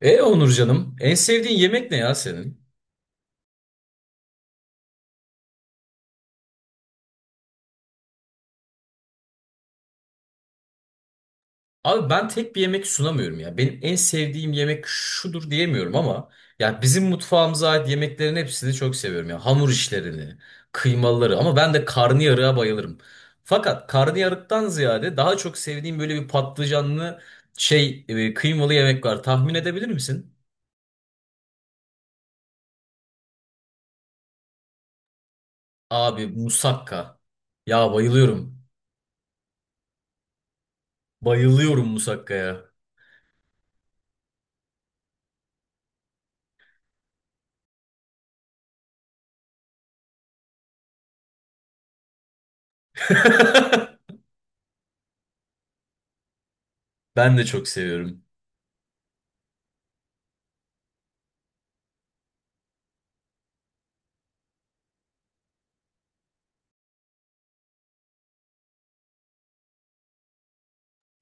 Onur canım, en sevdiğin yemek ne ya senin? Abi ben tek bir yemek sunamıyorum ya. Benim en sevdiğim yemek şudur diyemiyorum ama ya bizim mutfağımıza ait yemeklerin hepsini çok seviyorum ya. Hamur işlerini, kıymaları ama ben de karnıyarığa bayılırım. Fakat karnıyarıktan ziyade daha çok sevdiğim böyle bir patlıcanlı şey kıymalı yemek var. Tahmin edebilir misin? Abi musakka. Ya bayılıyorum. Bayılıyorum musakkaya. Ben de çok seviyorum.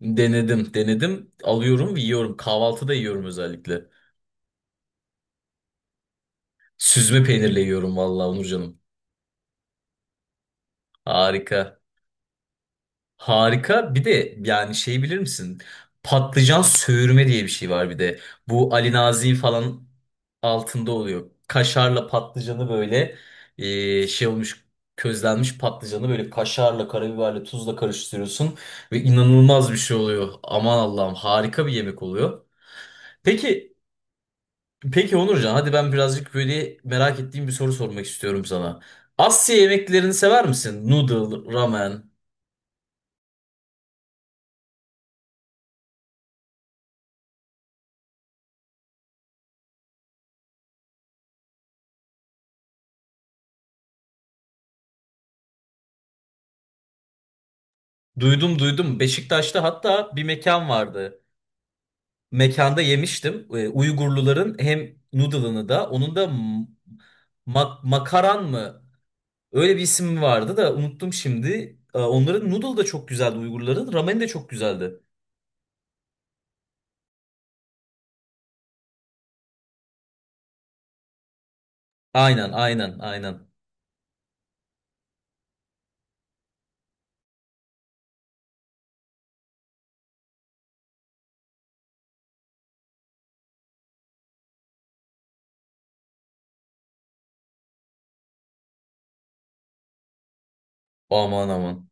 Denedim, denedim. Alıyorum ve yiyorum. Kahvaltıda yiyorum özellikle. Süzme peynirle yiyorum vallahi Onurcanım. Harika. Harika. Bir de yani şey bilir misin? Patlıcan söğürme diye bir şey var bir de. Bu Ali Nazik falan altında oluyor. Kaşarla patlıcanı böyle şey olmuş közlenmiş patlıcanı böyle kaşarla, karabiberle, tuzla karıştırıyorsun ve inanılmaz bir şey oluyor. Aman Allah'ım harika bir yemek oluyor. Peki Peki Onurcan, hadi ben birazcık böyle merak ettiğim bir soru sormak istiyorum sana. Asya yemeklerini sever misin? Noodle, ramen. Duydum duydum. Beşiktaş'ta hatta bir mekan vardı. Mekanda yemiştim. Uygurluların hem noodle'ını da onun da makaran mı? Öyle bir isim vardı da unuttum şimdi. Onların noodle da çok güzeldi Uygurların. Ramen de çok güzeldi. Aynen aynen aynen. Aman aman.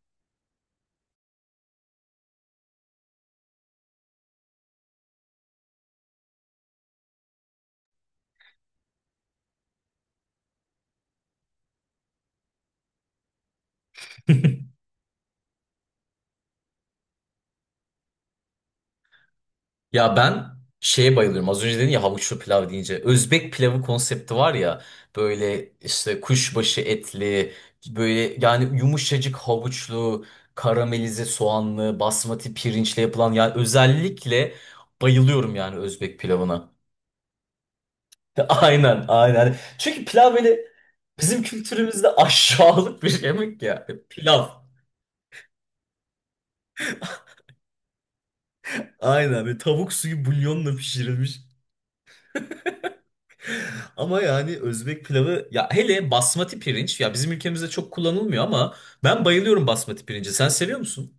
Ya ben şeye bayılıyorum. Az önce dedin ya havuçlu pilav deyince. Özbek pilavı konsepti var ya. Böyle işte kuşbaşı etli, böyle yani yumuşacık havuçlu, karamelize soğanlı, basmati pirinçle yapılan yani özellikle bayılıyorum yani Özbek pilavına. Aynen, aynen. Çünkü pilav böyle bizim kültürümüzde aşağılık bir şey, yemek ya. Pilav. Aynen böyle tavuk suyu bulyonla pişirilmiş. Ama yani Özbek pilavı ya hele basmati pirinç ya bizim ülkemizde çok kullanılmıyor ama ben bayılıyorum basmati pirinci. Sen seviyor musun?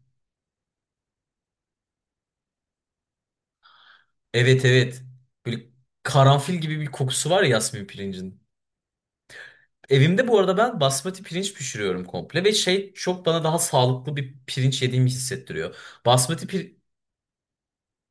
Evet evet. Böyle karanfil gibi bir kokusu var ya yasmin pirincin. Evimde bu arada ben basmati pirinç pişiriyorum komple ve şey çok bana daha sağlıklı bir pirinç yediğimi hissettiriyor. Basmati pir-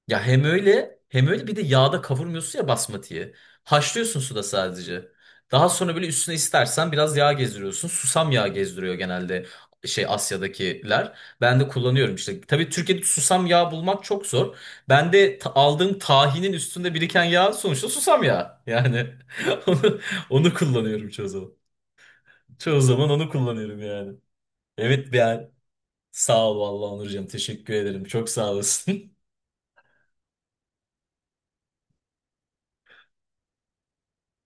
Ya hem öyle hem öyle bir de yağda kavurmuyorsun ya basmatiyi. Haşlıyorsun suda sadece. Daha sonra böyle üstüne istersen biraz yağ gezdiriyorsun. Susam yağı gezdiriyor genelde şey Asya'dakiler. Ben de kullanıyorum işte. Tabii Türkiye'de susam yağı bulmak çok zor. Ben de aldığım tahinin üstünde biriken yağ sonuçta susam yağı. Yani onu, onu kullanıyorum çoğu zaman. Çoğu zaman onu kullanıyorum yani. Evet yani sağ ol vallahi Onurcuğum teşekkür ederim. Çok sağ olasın.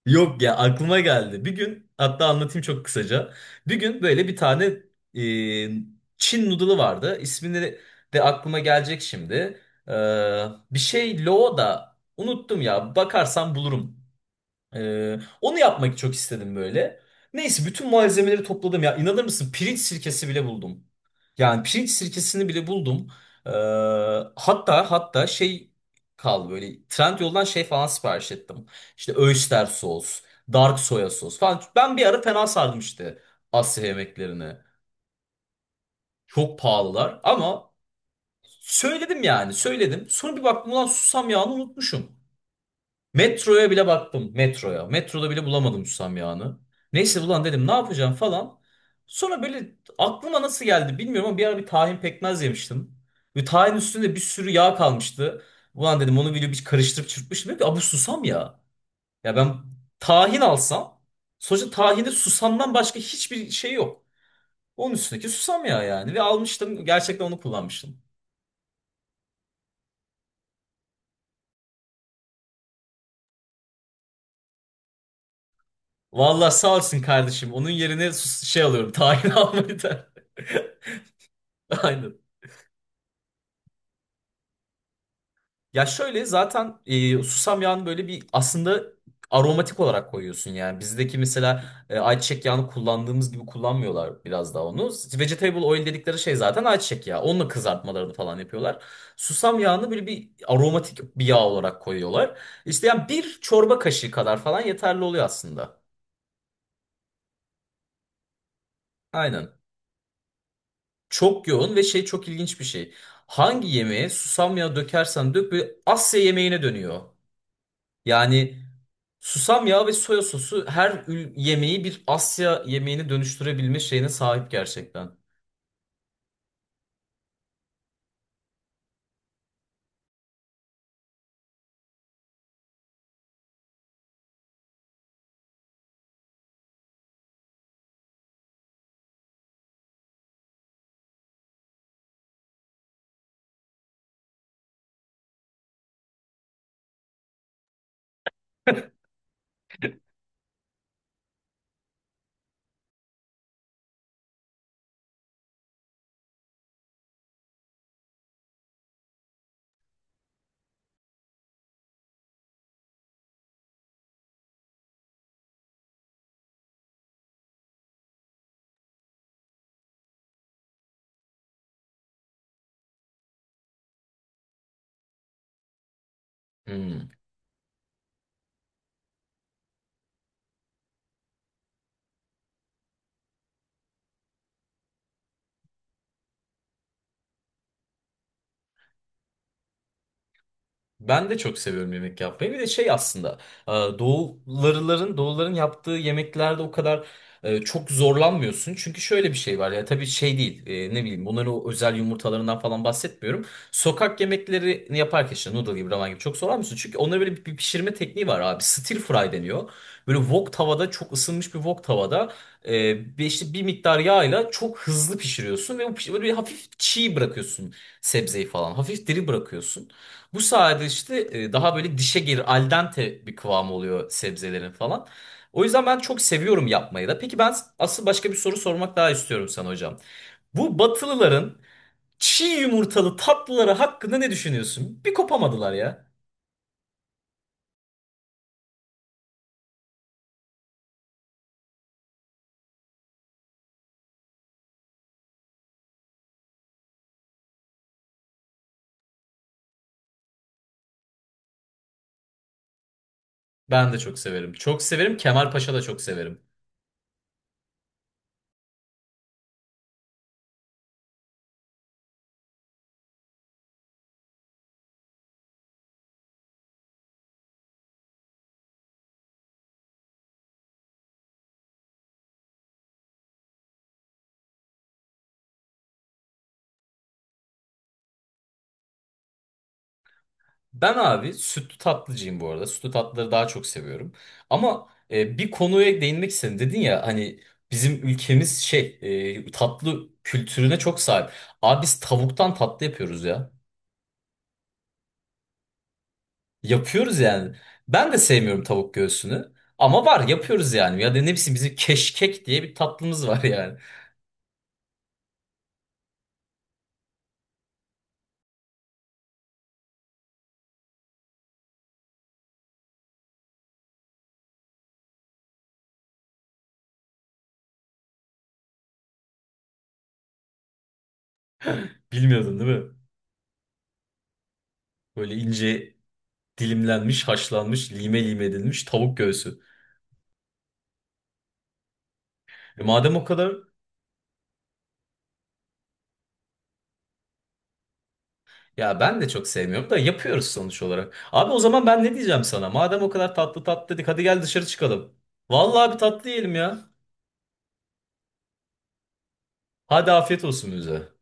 Yok ya aklıma geldi. Bir gün hatta anlatayım çok kısaca. Bir gün böyle bir tane e, Çin noodle'ı vardı. İsmini de aklıma gelecek şimdi. Ee, bir şey lo da unuttum ya. Bakarsam bulurum. Onu yapmak çok istedim böyle. Neyse bütün malzemeleri topladım ya. İnanır mısın pirinç sirkesi bile buldum. Yani pirinç sirkesini bile buldum. Ee, hatta şey kaldı böyle Trendyol'dan şey falan sipariş ettim. İşte Oyster sos, dark soya sos falan. Ben bir ara fena sardım işte Asya yemeklerini. Çok pahalılar ama söyledim yani söyledim. Sonra bir baktım ulan susam yağını unutmuşum. Metroya bile baktım. Metroya. Metroda bile bulamadım susam yağını. Neyse ulan dedim ne yapacağım falan. Sonra böyle aklıma nasıl geldi bilmiyorum ama bir ara bir tahin pekmez yemiştim. Ve tahin üstünde bir sürü yağ kalmıştı. Ulan dedim onu video bir karıştırıp çırpmıştım. Dedim ki "Aa, bu susam ya. Ya ben tahin alsam sonuçta tahinde susamdan başka hiçbir şey yok. Onun üstündeki susam yağı yani. Ve almıştım gerçekten onu kullanmıştım. Vallahi sağ olsun kardeşim. Onun yerine şey alıyorum. Tahin almayı da. Aynen. Ya şöyle zaten susam yağını böyle bir aslında aromatik olarak koyuyorsun yani. Bizdeki mesela ayçiçek yağını kullandığımız gibi kullanmıyorlar biraz daha onu. Vegetable oil dedikleri şey zaten ayçiçek yağı. Onunla kızartmalarını falan yapıyorlar. Susam yağını böyle bir aromatik bir yağ olarak koyuyorlar. İşte yani bir çorba kaşığı kadar falan yeterli oluyor aslında. Aynen. Çok yoğun ve şey çok ilginç bir şey. Hangi yemeğe susam yağı dökersen dök böyle Asya yemeğine dönüyor. Yani Susam yağı ve soya sosu her yemeği bir Asya yemeğini dönüştürebilme şeyine sahip gerçekten. Hmm. Ben de çok seviyorum yemek yapmayı. Bir de şey aslında e, doğuların yaptığı yemeklerde o kadar çok zorlanmıyorsun. Çünkü şöyle bir şey var ya tabii şey değil ne bileyim bunların o özel yumurtalarından falan bahsetmiyorum. Sokak yemeklerini yaparken işte noodle gibi ramen gibi çok zorlanmıyorsun. Çünkü onlara böyle bir pişirme tekniği var abi. Stir fry deniyor. Böyle wok tavada çok ısınmış bir wok tavada bir işte bir miktar yağla çok hızlı pişiriyorsun ve o böyle bir hafif çiğ bırakıyorsun sebzeyi falan. Hafif diri bırakıyorsun. Bu sayede işte daha böyle dişe gelir al dente bir kıvamı oluyor sebzelerin falan. O yüzden ben çok seviyorum yapmayı da. Peki ben asıl başka bir soru sormak daha istiyorum sana hocam. Bu Batılıların çiğ yumurtalı tatlıları hakkında ne düşünüyorsun? Bir kopamadılar ya. Ben de çok severim. Çok severim. Kemal Paşa da çok severim. Ben abi sütlü tatlıcıyım bu arada. Sütlü tatlıları daha çok seviyorum. Ama bir konuya değinmek istedim. Dedin ya hani bizim ülkemiz şey tatlı kültürüne çok sahip. Abi biz tavuktan tatlı yapıyoruz ya. Yapıyoruz yani. Ben de sevmiyorum tavuk göğsünü. Ama var yapıyoruz yani. Ya da ne bileyim bizim keşkek diye bir tatlımız var yani. Bilmiyordun değil mi? Böyle ince dilimlenmiş, haşlanmış, lime lime edilmiş tavuk göğsü. E, madem o kadar Ya ben de çok sevmiyorum da yapıyoruz sonuç olarak. Abi o zaman ben ne diyeceğim sana? Madem o kadar tatlı tatlı dedik hadi gel dışarı çıkalım. Vallahi bir tatlı yiyelim ya. Hadi afiyet olsun bize.